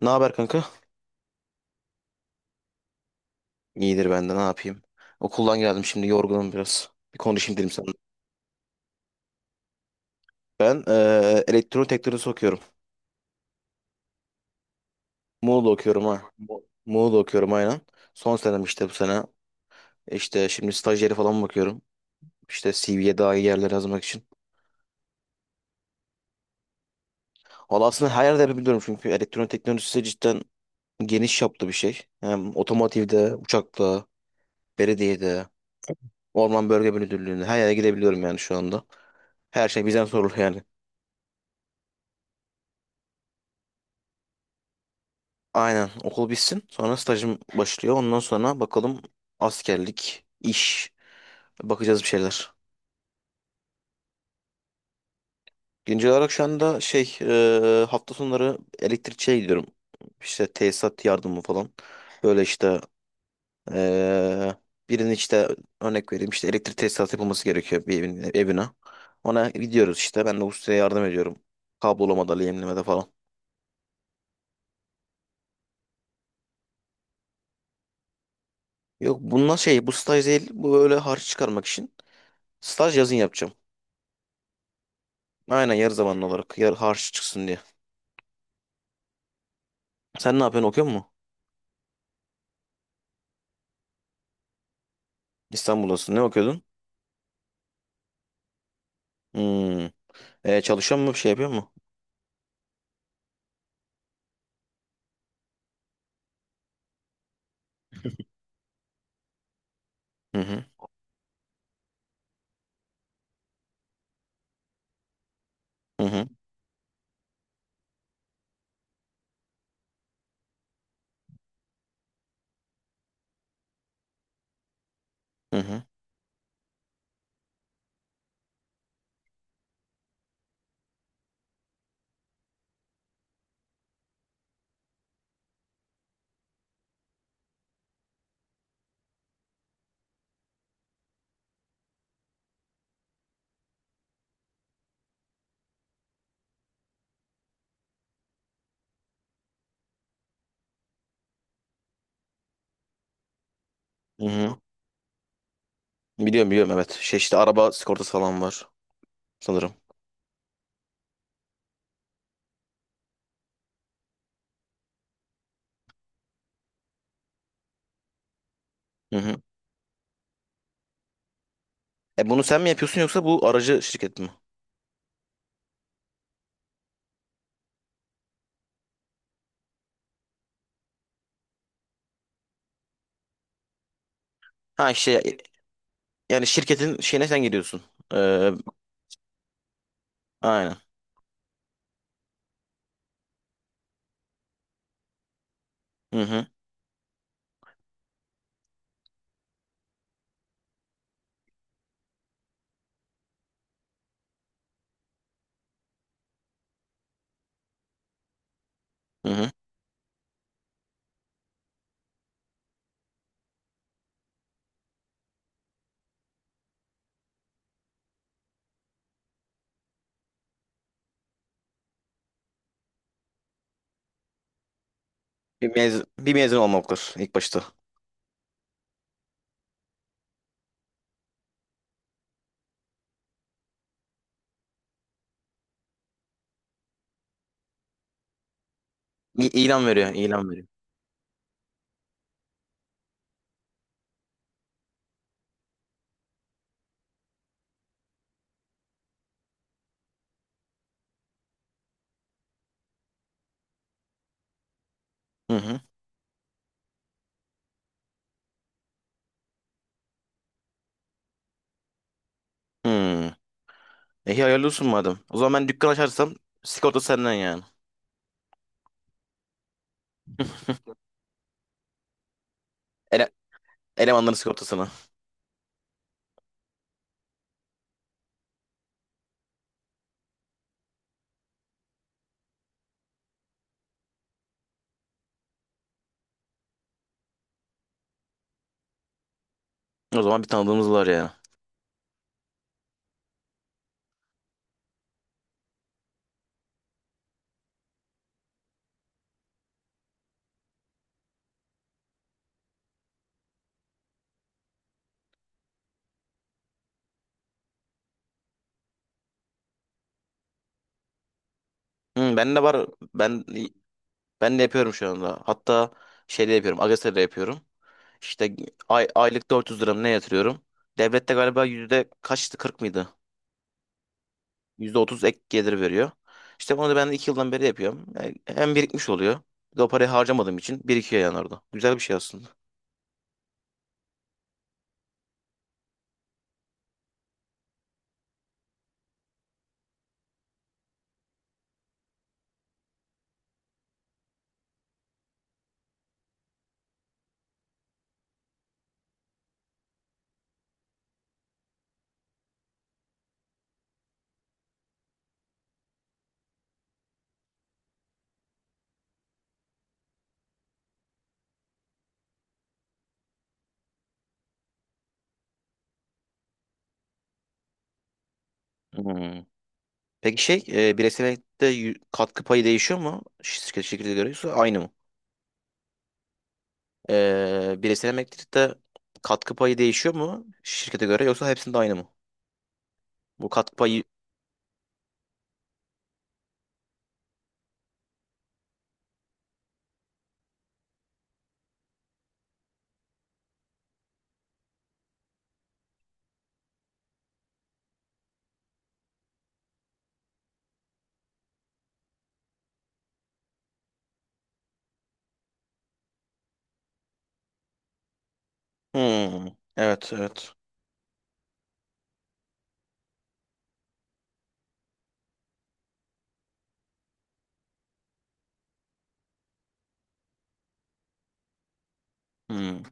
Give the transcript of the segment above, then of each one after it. Ne haber kanka? İyidir ben de ne yapayım. Okuldan geldim şimdi yorgunum biraz. Bir konuşayım dedim sana. Ben elektronik teknolojisi okuyorum. Muğla'da okuyorum ha. Muğla'da okuyorum aynen. Son senem işte bu sene. İşte şimdi stajyeri falan bakıyorum. İşte CV'ye daha iyi yerler yazmak için. Valla aslında her yerde yapabiliyorum çünkü elektronik teknolojisi cidden geniş çaplı bir şey. Hem otomotivde, uçakta, belediyede, orman bölge müdürlüğünde her yere gidebiliyorum yani şu anda. Her şey bizden sorulur yani. Aynen okul bitsin. Sonra stajım başlıyor. Ondan sonra bakalım askerlik, iş. Bakacağız bir şeyler. Güncel olarak şu anda şey hafta sonları elektrikçiye gidiyorum. İşte tesisat yardımı falan. Böyle işte e, birinin işte örnek vereyim işte elektrik tesisatı yapılması gerekiyor bir evine. Ona gidiyoruz işte. Ben de ustaya yardım ediyorum. Kablolamada, lehimlemede falan. Yok bunlar şey bu staj değil. Bu böyle harç çıkarmak için. Staj yazın yapacağım. Aynen yarı zamanlı olarak harç çıksın diye. Sen ne yapıyorsun okuyor musun? İstanbul'dasın. Ne okuyordun? Hmm. E, çalışıyor musun? Bir şey yapıyor mu? Hı hı. Hı hı. Hı hı. Hı hı. Biliyorum biliyorum evet. Şey işte araba sigortası falan var sanırım. Hı hı. E bunu sen mi yapıyorsun yoksa bu aracı şirket mi? Ha işte yani şirketin şeyine sen gidiyorsun. Ee, aynen. Hı hı. Hı hı. Bir mezun olmalıdır ilk başta. İ ilan veriyor, ilan veriyor. Hı hı. Hı. E iyi, hayırlı olsun madem. O zaman ben dükkan açarsam sigorta senden yani. Ele elemanların sigortasını. O zaman bir tanıdığımız var ya. Hı, ben de var. Ben ben de yapıyorum şu anda. Hatta şeyde yapıyorum. Agese'de yapıyorum. İşte aylık 400 lira mı ne yatırıyorum. Devlette galiba yüzde kaçtı 40 mıydı? %30 ek gelir veriyor. İşte bunu da ben 2 yıldan beri yapıyorum. Yani hem birikmiş oluyor. Bir de o parayı harcamadığım için birikiyor yani orada. Güzel bir şey aslında. Hmm. Peki şey bireysellikte katkı payı değişiyor mu? Şirket şirkete göre yoksa aynı mı? Bireysel emeklilikte katkı payı değişiyor mu şirkete göre yoksa hepsinde aynı mı? Bu katkı payı... Hmm, evet evet. Hmm,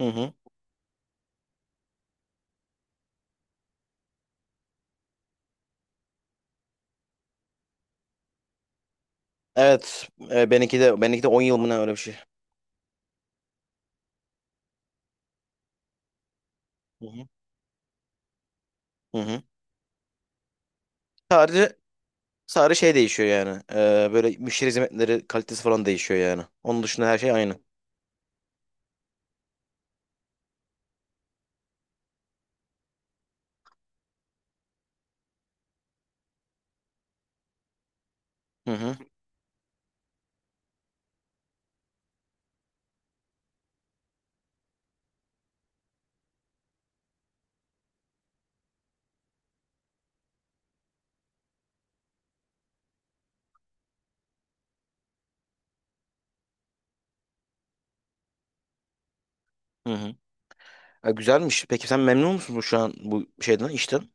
hı hı. Evet benimki de 10 yıl mı ne öyle bir şey. Hı hı. Hı hı. Sadece sadece şey değişiyor yani. Böyle müşteri hizmetleri kalitesi falan değişiyor yani. Onun dışında her şey aynı. Hı hı. Hı hı. E, güzelmiş. Peki sen memnun musun bu şu an bu şeyden işten?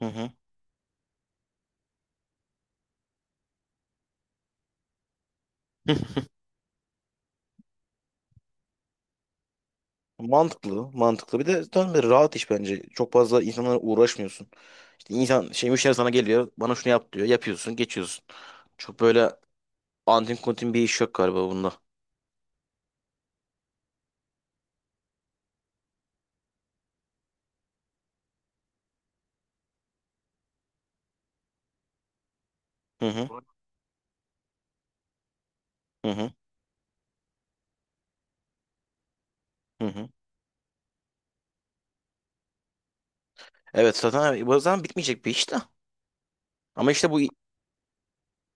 Hı hı. Mantıklı, mantıklı. Bir de tam bir rahat iş bence. Çok fazla insanlara uğraşmıyorsun. İşte insan şey müşteri sana geliyor. Bana şunu yap diyor. Yapıyorsun, geçiyorsun. Çok böyle antin kuntin bir iş yok galiba bunda. Hı hı. Hı hı. Hı hı. Evet zaten bu zaman bitmeyecek bir iş de. Ama işte bu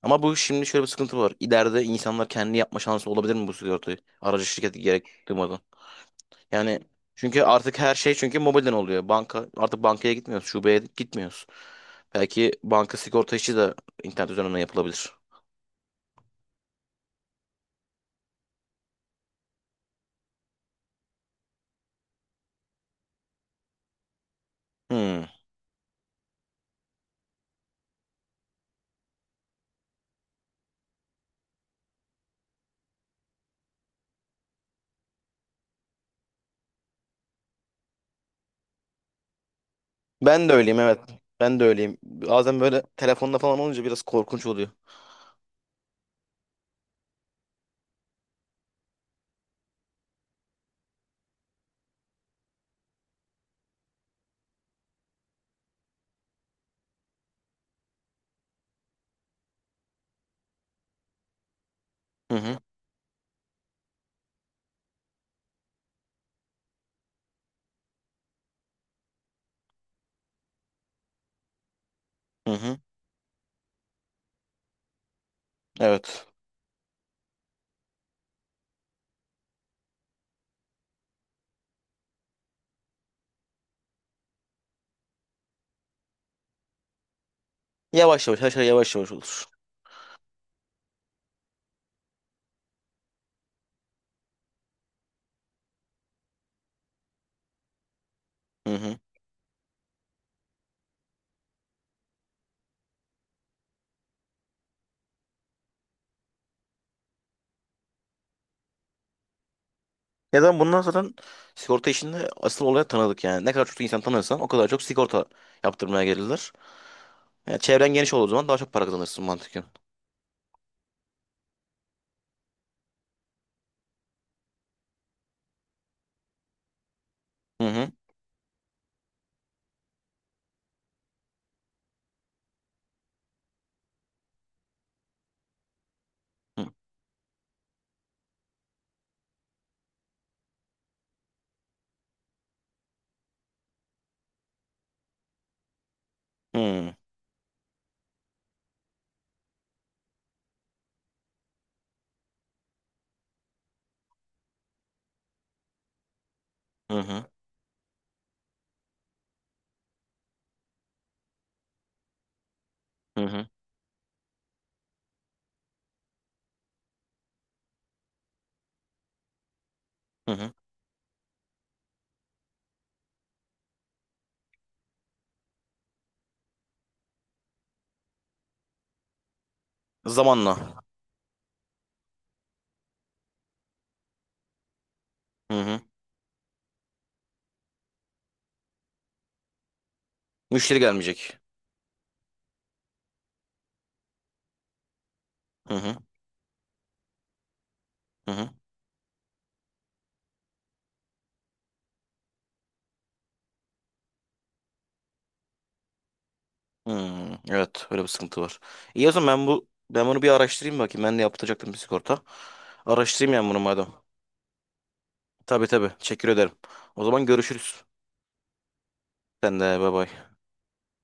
ama bu şimdi şöyle bir sıkıntı var. İleride insanlar kendi yapma şansı olabilir mi bu sigortayı? Aracı şirketi gerek duymadan. Yani çünkü artık her şey çünkü mobilden oluyor. Banka artık bankaya gitmiyoruz, şubeye gitmiyoruz. Belki banka sigorta işi de internet üzerinden yapılabilir. Hmm. Ben de öyleyim evet. Ben de öyleyim. Bazen böyle telefonda falan olunca biraz korkunç oluyor. Hı hı. Hı hı. Evet. Yavaş yavaş her şey yavaş yavaş olur. Hı hı. Ya da bundan sonra sigorta işinde asıl olaya tanıdık yani. Ne kadar çok insan tanırsan o kadar çok sigorta yaptırmaya gelirler. Yani çevren geniş olduğu zaman daha çok para kazanırsın mantıken. Hı hı. Hı hı. Hı hı. Hı hı. Hı hı. Zamanla. Hı hı. Müşteri gelmeyecek. Hı hı. Hı hı. Hmm, evet öyle bir sıkıntı var. İyi o zaman ben bunu bir araştırayım bakayım. Ben de yaptıracaktım bir sigorta. Araştırayım yani bunu madem. Tabii tabii. Teşekkür ederim. O zaman görüşürüz. Sen de bay bay.